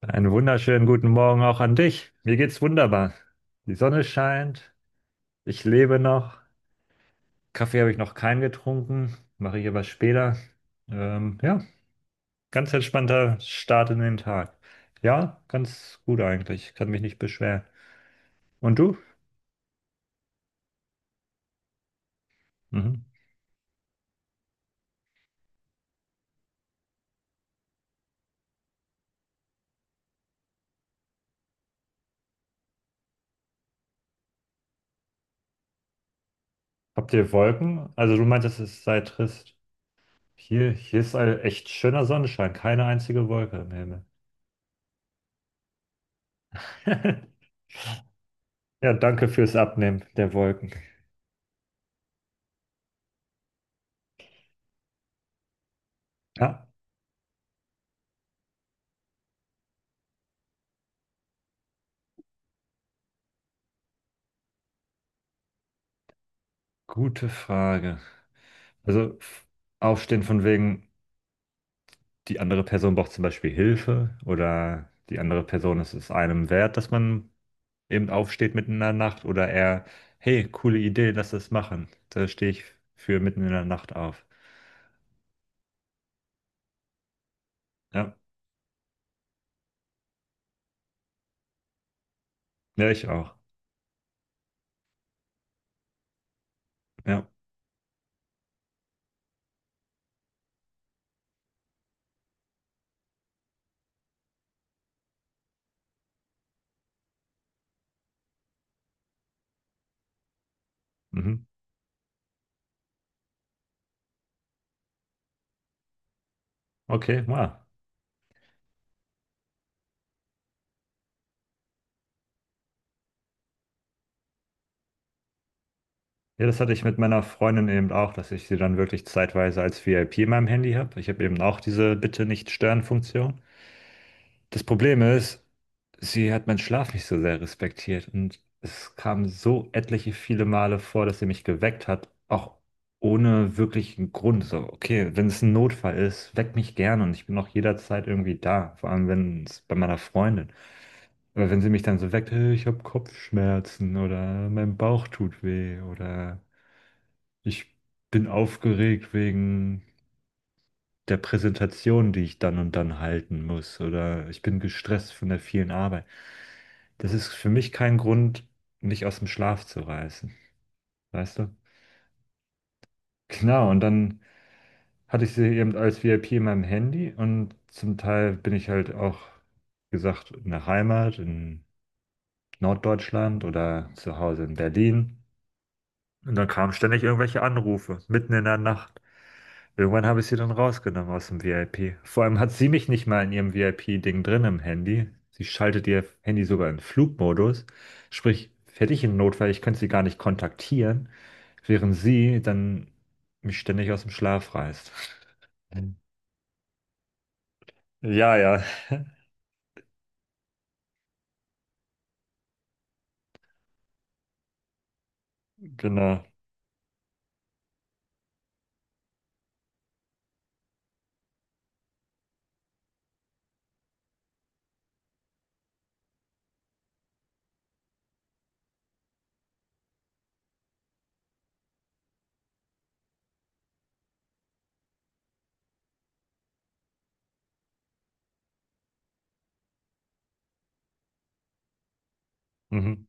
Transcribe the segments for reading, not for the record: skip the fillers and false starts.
Einen wunderschönen guten Morgen auch an dich. Mir geht's wunderbar. Die Sonne scheint, ich lebe noch. Kaffee habe ich noch keinen getrunken, mache ich aber später. Ja, ganz entspannter Start in den Tag. Ja, ganz gut eigentlich, kann mich nicht beschweren. Und du? Mhm. Habt ihr Wolken? Also du meintest, es sei trist. Hier ist ein echt schöner Sonnenschein, keine einzige Wolke im Himmel. Ja, danke fürs Abnehmen der Wolken. Ja, gute Frage. Also f- Aufstehen von wegen, die andere Person braucht zum Beispiel Hilfe oder die andere Person ist es ist einem wert, dass man eben aufsteht mitten in der Nacht oder eher, hey, coole Idee, lass das machen. Da stehe ich für mitten in der Nacht auf. Ja, ja, ich auch. Ja, mhm. Okay, wow. Ja, das hatte ich mit meiner Freundin eben auch, dass ich sie dann wirklich zeitweise als VIP in meinem Handy habe. Ich habe eben auch diese Bitte nicht stören Funktion. Das Problem ist, sie hat meinen Schlaf nicht so sehr respektiert und es kam so etliche viele Male vor, dass sie mich geweckt hat, auch ohne wirklichen Grund. So, okay, wenn es ein Notfall ist, weck mich gern und ich bin auch jederzeit irgendwie da, vor allem wenn es bei meiner Freundin. Aber wenn sie mich dann so weckt, hey, ich habe Kopfschmerzen oder mein Bauch tut weh oder ich bin aufgeregt wegen der Präsentation, die ich dann und dann halten muss, oder ich bin gestresst von der vielen Arbeit. Das ist für mich kein Grund, mich aus dem Schlaf zu reißen, weißt du? Genau, und dann hatte ich sie eben als VIP in meinem Handy und zum Teil bin ich halt auch, wie gesagt, in der Heimat, in Norddeutschland oder zu Hause in Berlin. Und dann kamen ständig irgendwelche Anrufe, mitten in der Nacht. Irgendwann habe ich sie dann rausgenommen aus dem VIP. Vor allem hat sie mich nicht mal in ihrem VIP-Ding drin im Handy. Sie schaltet ihr Handy sogar in Flugmodus. Sprich, hätte ich einen Notfall, ich könnte sie gar nicht kontaktieren, während sie dann mich ständig aus dem Schlaf reißt. Ja, ja, genau. Mhm.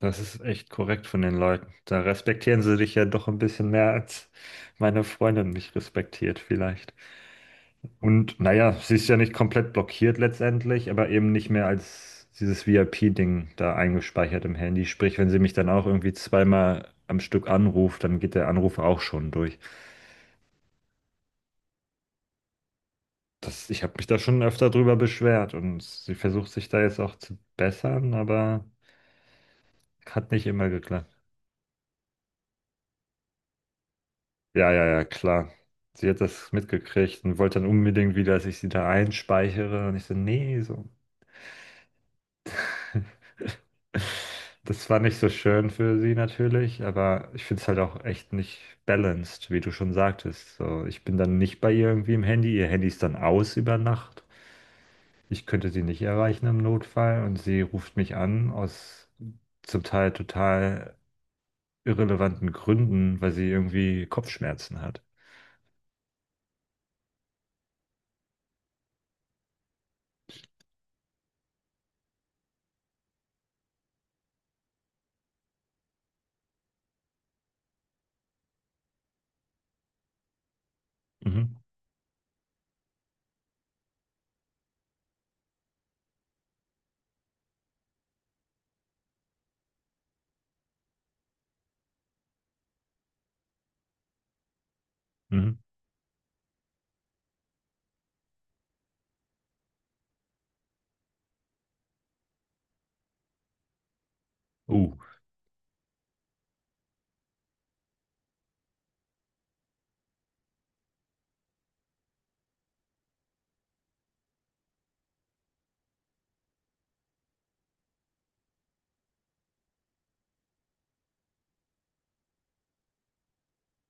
Das ist echt korrekt von den Leuten. Da respektieren sie dich ja doch ein bisschen mehr, als meine Freundin mich respektiert, vielleicht. Und naja, sie ist ja nicht komplett blockiert letztendlich, aber eben nicht mehr als dieses VIP-Ding da eingespeichert im Handy. Sprich, wenn sie mich dann auch irgendwie zweimal am Stück anruft, dann geht der Anruf auch schon durch. Ich habe mich da schon öfter drüber beschwert und sie versucht sich da jetzt auch zu bessern, aber hat nicht immer geklappt. Ja, ja, ja, klar. Sie hat das mitgekriegt und wollte dann unbedingt wieder, dass ich sie da einspeichere. Und ich so, nee, so. Das war nicht so schön für sie natürlich, aber ich finde es halt auch echt nicht balanced, wie du schon sagtest. So, ich bin dann nicht bei ihr irgendwie im Handy, ihr Handy ist dann aus über Nacht. Ich könnte sie nicht erreichen im Notfall und sie ruft mich an aus zum Teil total irrelevanten Gründen, weil sie irgendwie Kopfschmerzen hat. Mhm. Mhm. Uh,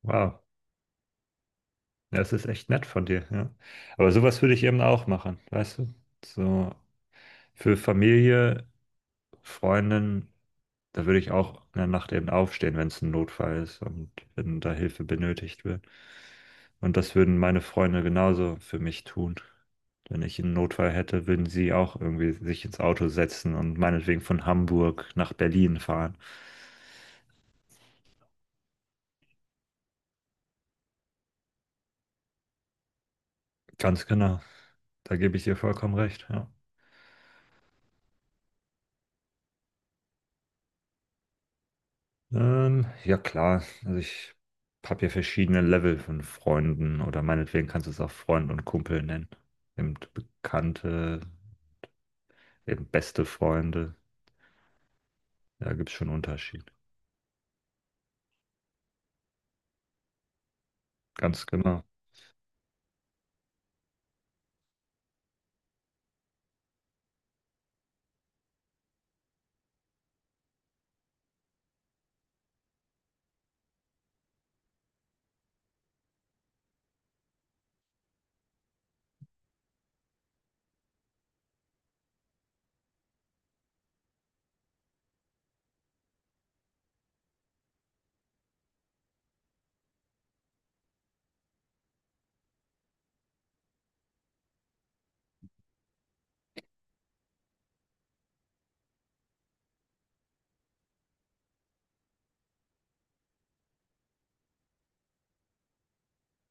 wow. Das ist echt nett von dir, ja. Aber sowas würde ich eben auch machen, weißt du? So, für Familie, Freundin, da würde ich auch in der Nacht eben aufstehen, wenn es ein Notfall ist und wenn da Hilfe benötigt wird. Und das würden meine Freunde genauso für mich tun. Wenn ich einen Notfall hätte, würden sie auch irgendwie sich ins Auto setzen und meinetwegen von Hamburg nach Berlin fahren. Ganz genau. Da gebe ich dir vollkommen recht, ja. Ja klar, also ich habe ja verschiedene Level von Freunden oder meinetwegen kannst du es auch Freund und Kumpel nennen. Eben Bekannte, eben beste Freunde. Da gibt es schon einen Unterschied. Ganz genau.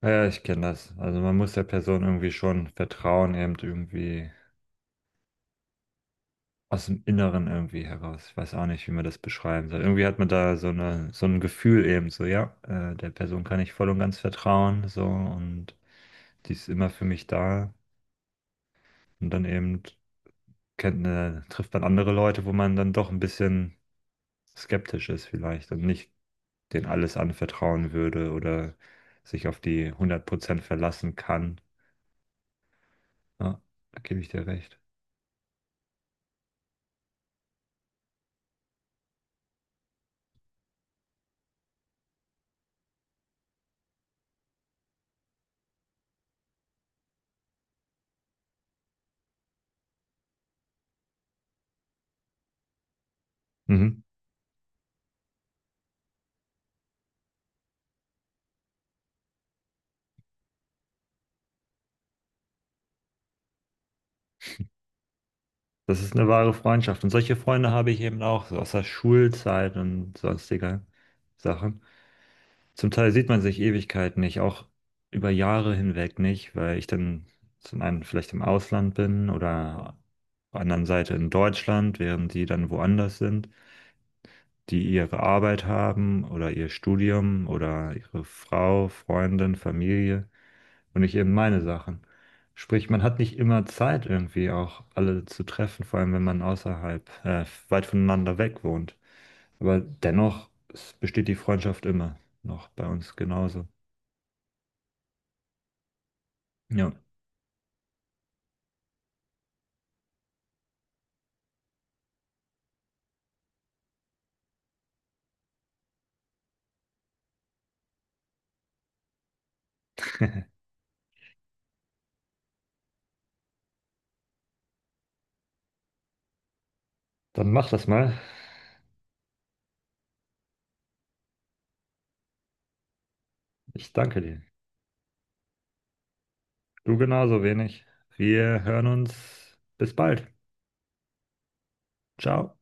Ja, ja, ich kenne das. Also man muss der Person irgendwie schon vertrauen, eben irgendwie aus dem Inneren irgendwie heraus. Ich weiß auch nicht, wie man das beschreiben soll. Irgendwie hat man da so eine, so ein Gefühl eben so, ja, der Person kann ich voll und ganz vertrauen, so und die ist immer für mich da. Und dann eben trifft man andere Leute, wo man dann doch ein bisschen skeptisch ist vielleicht und nicht denen alles anvertrauen würde oder sich auf die hundert Prozent verlassen kann. Ja, da gebe ich dir recht. Mhm. Das ist eine wahre Freundschaft. Und solche Freunde habe ich eben auch, so aus der Schulzeit und sonstiger Sachen. Zum Teil sieht man sich Ewigkeiten nicht, auch über Jahre hinweg nicht, weil ich dann zum einen vielleicht im Ausland bin oder auf der anderen Seite in Deutschland, während die dann woanders sind, die ihre Arbeit haben oder ihr Studium oder ihre Frau, Freundin, Familie und nicht eben meine Sachen. Sprich, man hat nicht immer Zeit, irgendwie auch alle zu treffen, vor allem wenn man weit voneinander weg wohnt. Aber dennoch es besteht die Freundschaft immer noch bei uns genauso. Ja, dann mach das mal. Ich danke dir. Du genauso wenig. Wir hören uns. Bis bald. Ciao.